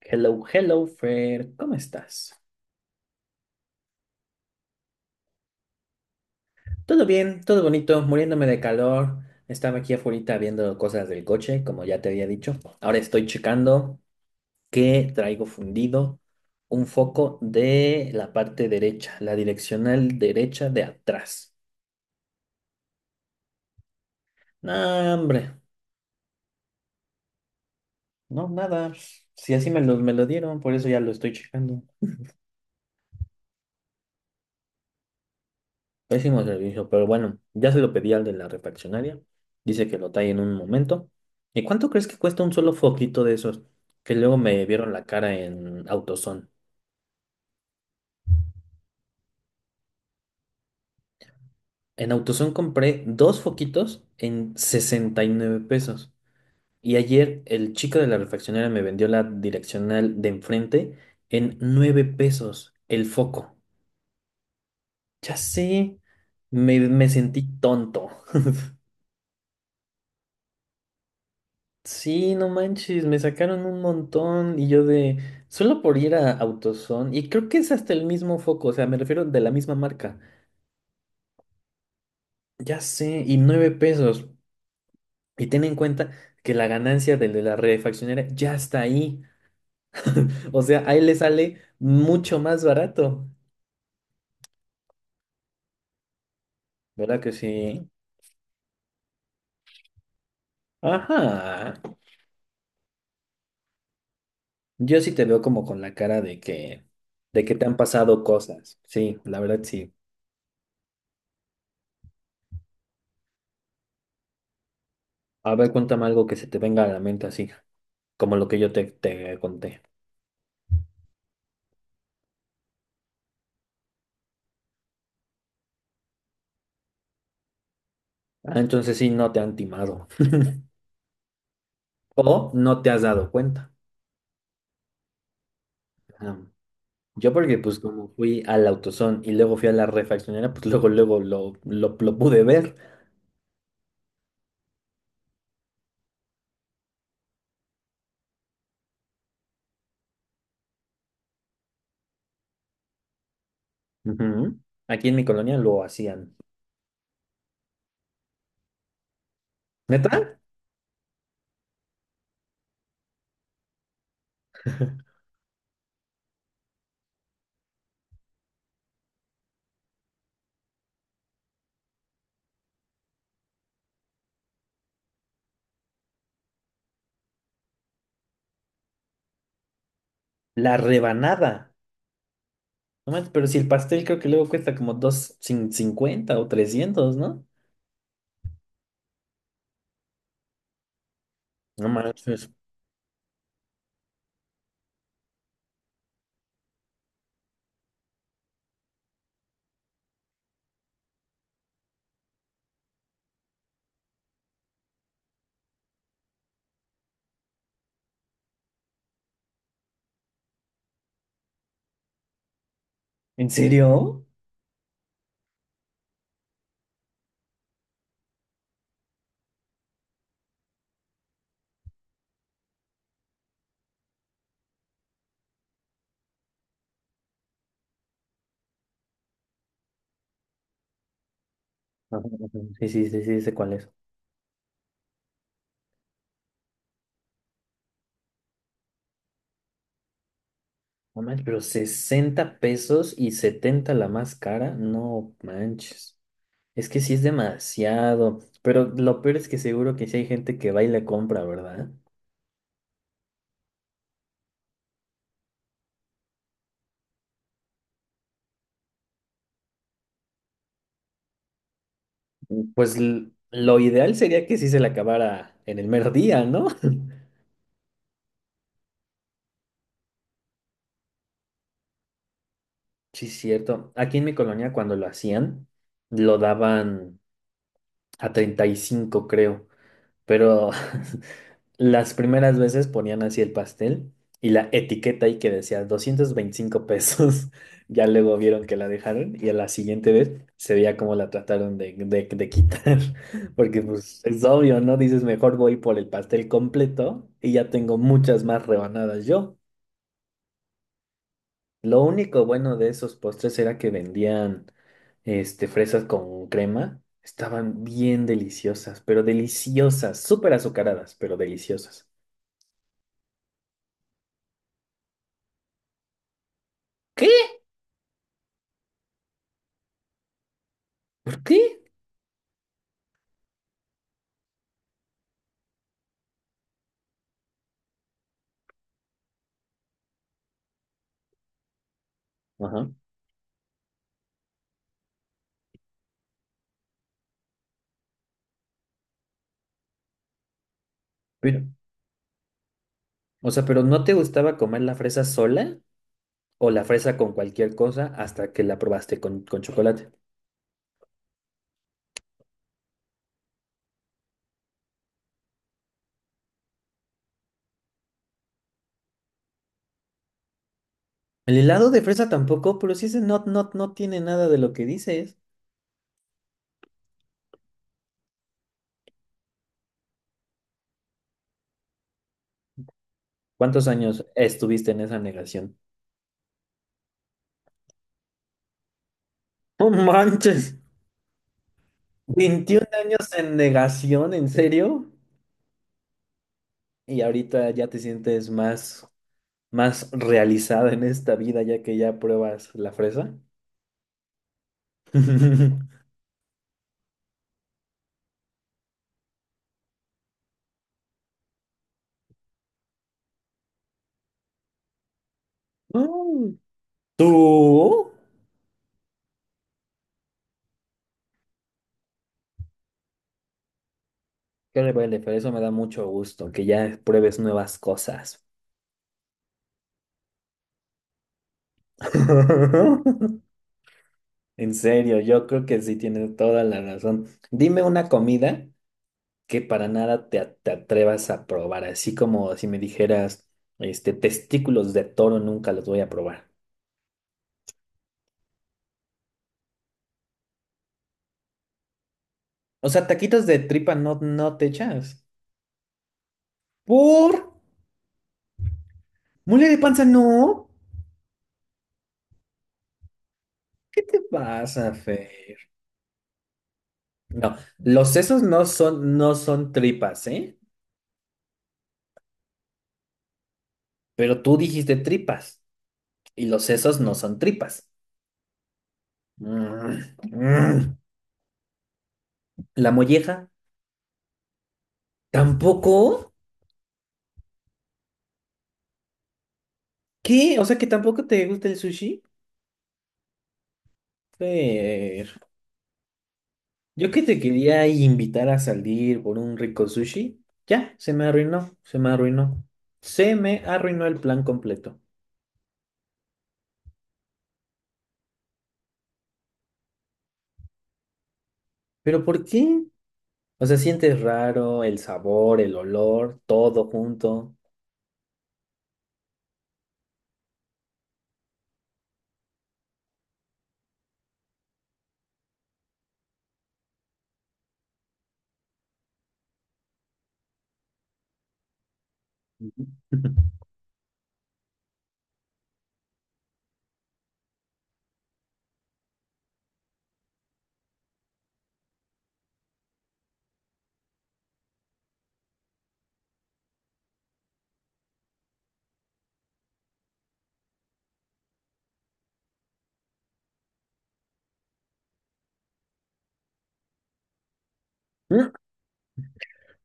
Hello, hello, Fer, ¿cómo estás? Todo bien, todo bonito, muriéndome de calor. Estaba aquí afuera viendo cosas del coche, como ya te había dicho. Ahora estoy checando que traigo fundido un foco de la parte derecha, la direccional derecha de atrás. No, hombre, no, nada. Si así me lo dieron, por eso ya lo estoy checando. Pésimo servicio, pero bueno, ya se lo pedí al de la refaccionaria. Dice que lo trae en un momento. ¿Y cuánto crees que cuesta un solo foquito de esos? Que luego me vieron la cara en AutoZone. En AutoZone compré dos foquitos en 69 pesos. Y ayer el chico de la refaccionaria me vendió la direccional de enfrente en 9 pesos el foco. Ya sé, me sentí tonto. Sí, no manches, me sacaron un montón y yo de, solo por ir a AutoZone y creo que es hasta el mismo foco, o sea, me refiero de la misma marca, ya sé, y nueve pesos, y ten en cuenta que la ganancia del de la refaccionera ya está ahí, o sea, ahí le sale mucho más barato, ¿verdad que sí? Ajá, yo sí te veo como con la cara de que te han pasado cosas, sí, la verdad sí, a ver, cuéntame algo que se te venga a la mente así, como lo que yo te conté. Ah, entonces sí, no te han timado o no te has dado cuenta. Ajá. Yo porque pues como fui al AutoZone y luego fui a la refaccionera, pues luego lo pude ver. Ujú. Aquí en mi colonia lo hacían. ¿Neta? La rebanada. No manches, pero si el pastel creo que luego cuesta como dos cincuenta o trescientos, ¿no? No manches. ¿En serio? Ajá, ajá. Sí, sí, sí, sí, sé cuál es. No manches, pero 60 pesos y 70 la más cara, no manches. Es que sí es demasiado. Pero lo peor es que seguro que sí hay gente que va y le compra, ¿verdad? Pues lo ideal sería que sí se la acabara en el mero día, ¿no? Sí, cierto. Aquí en mi colonia cuando lo hacían, lo daban a 35 creo. Pero las primeras veces ponían así el pastel y la etiqueta ahí que decía 225 pesos. Ya luego vieron que la dejaron y a la siguiente vez se veía cómo la trataron de quitar. Porque pues es obvio, ¿no? Dices, mejor voy por el pastel completo y ya tengo muchas más rebanadas yo. Lo único bueno de esos postres era que vendían este, fresas con crema. Estaban bien deliciosas, pero deliciosas, súper azucaradas, pero deliciosas. ¿Qué? ¿Por qué? Ajá. Pero, o sea, pero ¿no te gustaba comer la fresa sola o la fresa con cualquier cosa hasta que la probaste con chocolate? El helado de fresa tampoco, pero sí ese no, no, no tiene nada de lo que dices. ¿Cuántos años estuviste en esa negación? ¡No manches! ¿Veintiún años en negación, en serio? Y ahorita ya te sientes más, más realizada en esta vida ya que ya pruebas la fresa. Mm. ¿Tú? Qué rebelde, pero eso me da mucho gusto, que ya pruebes nuevas cosas. En serio, yo creo que sí tienes toda la razón. Dime una comida que para nada te, te atrevas a probar, así como si me dijeras, este, testículos de toro nunca los voy a probar. O sea, taquitos de tripa no, no te echas. ¿Por? ¿Mole de panza no? ¿Qué te pasa, Fer? No, los sesos no son, no son tripas, ¿eh? Pero tú dijiste tripas. Y los sesos no son tripas. Mm, mm. La molleja, tampoco. ¿Qué? O sea que tampoco te gusta el sushi. Fer, yo que te quería invitar a salir por un rico sushi. Ya, se me arruinó, se me arruinó. Se me arruinó el plan completo. ¿Pero por qué? O sea, sientes raro el sabor, el olor, todo junto.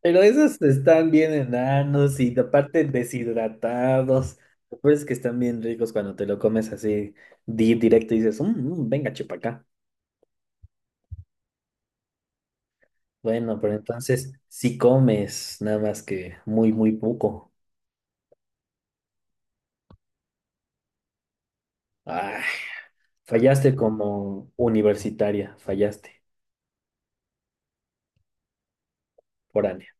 Pero esos están bien enanos y aparte deshidratados. Lo peor es que están bien ricos cuando te lo comes así di directo y dices, "Mm, mm, venga, chepa acá". Bueno, pero entonces si comes, nada más que muy, muy poco. Ay, fallaste como universitaria, fallaste, foránea.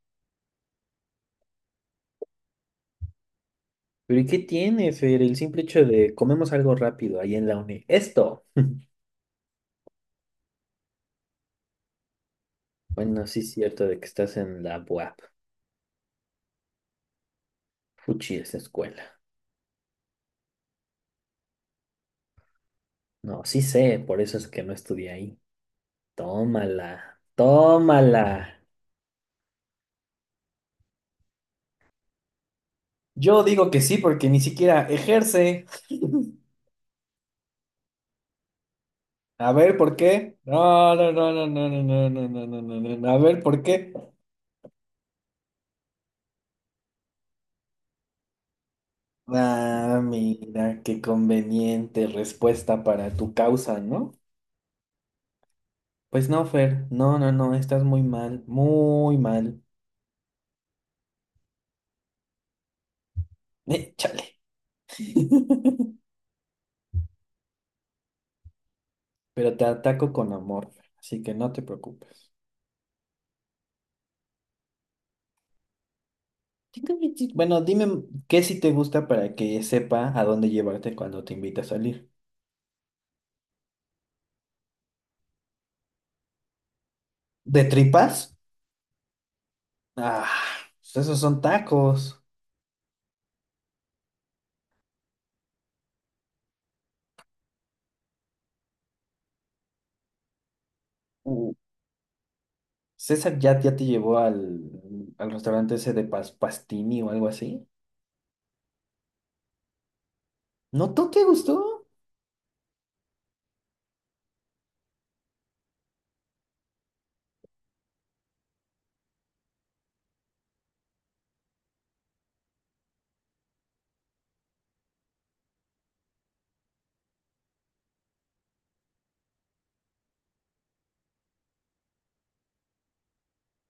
Pero ¿y qué tiene, Fer? El simple hecho de comemos algo rápido ahí en la uni. Esto. Bueno, sí es cierto de que estás en la UAP. Fuchi, esa escuela. No, sí sé, por eso es que no estudié ahí. Tómala, tómala. Yo digo que sí porque ni siquiera ejerce. A ver, ¿por qué? No, no, no, no, no, no, no, no, no, no, no, no, no. A ver, ¿por qué? Ah, mira, qué conveniente respuesta para tu causa, ¿no? Pues no, Fer, no, no, no, estás muy mal, muy mal. Chale. Pero te ataco con amor, Fer, así que no te preocupes. Sí, sí. Bueno, dime qué sí te gusta para que sepa a dónde llevarte cuando te invita a salir. ¿De tripas? Ah, pues esos son tacos. Uh, César ya, ya te llevó al, al restaurante ese de Pastini o algo así. ¿No tú te gustó?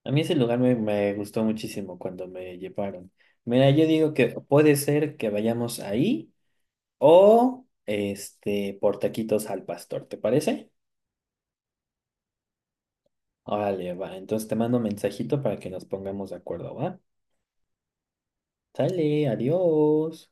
A mí ese lugar me, me gustó muchísimo cuando me llevaron. Mira, yo digo que puede ser que vayamos ahí o este por taquitos al pastor, ¿te parece? Órale, va. Entonces te mando un mensajito para que nos pongamos de acuerdo, ¿va? Sale, adiós.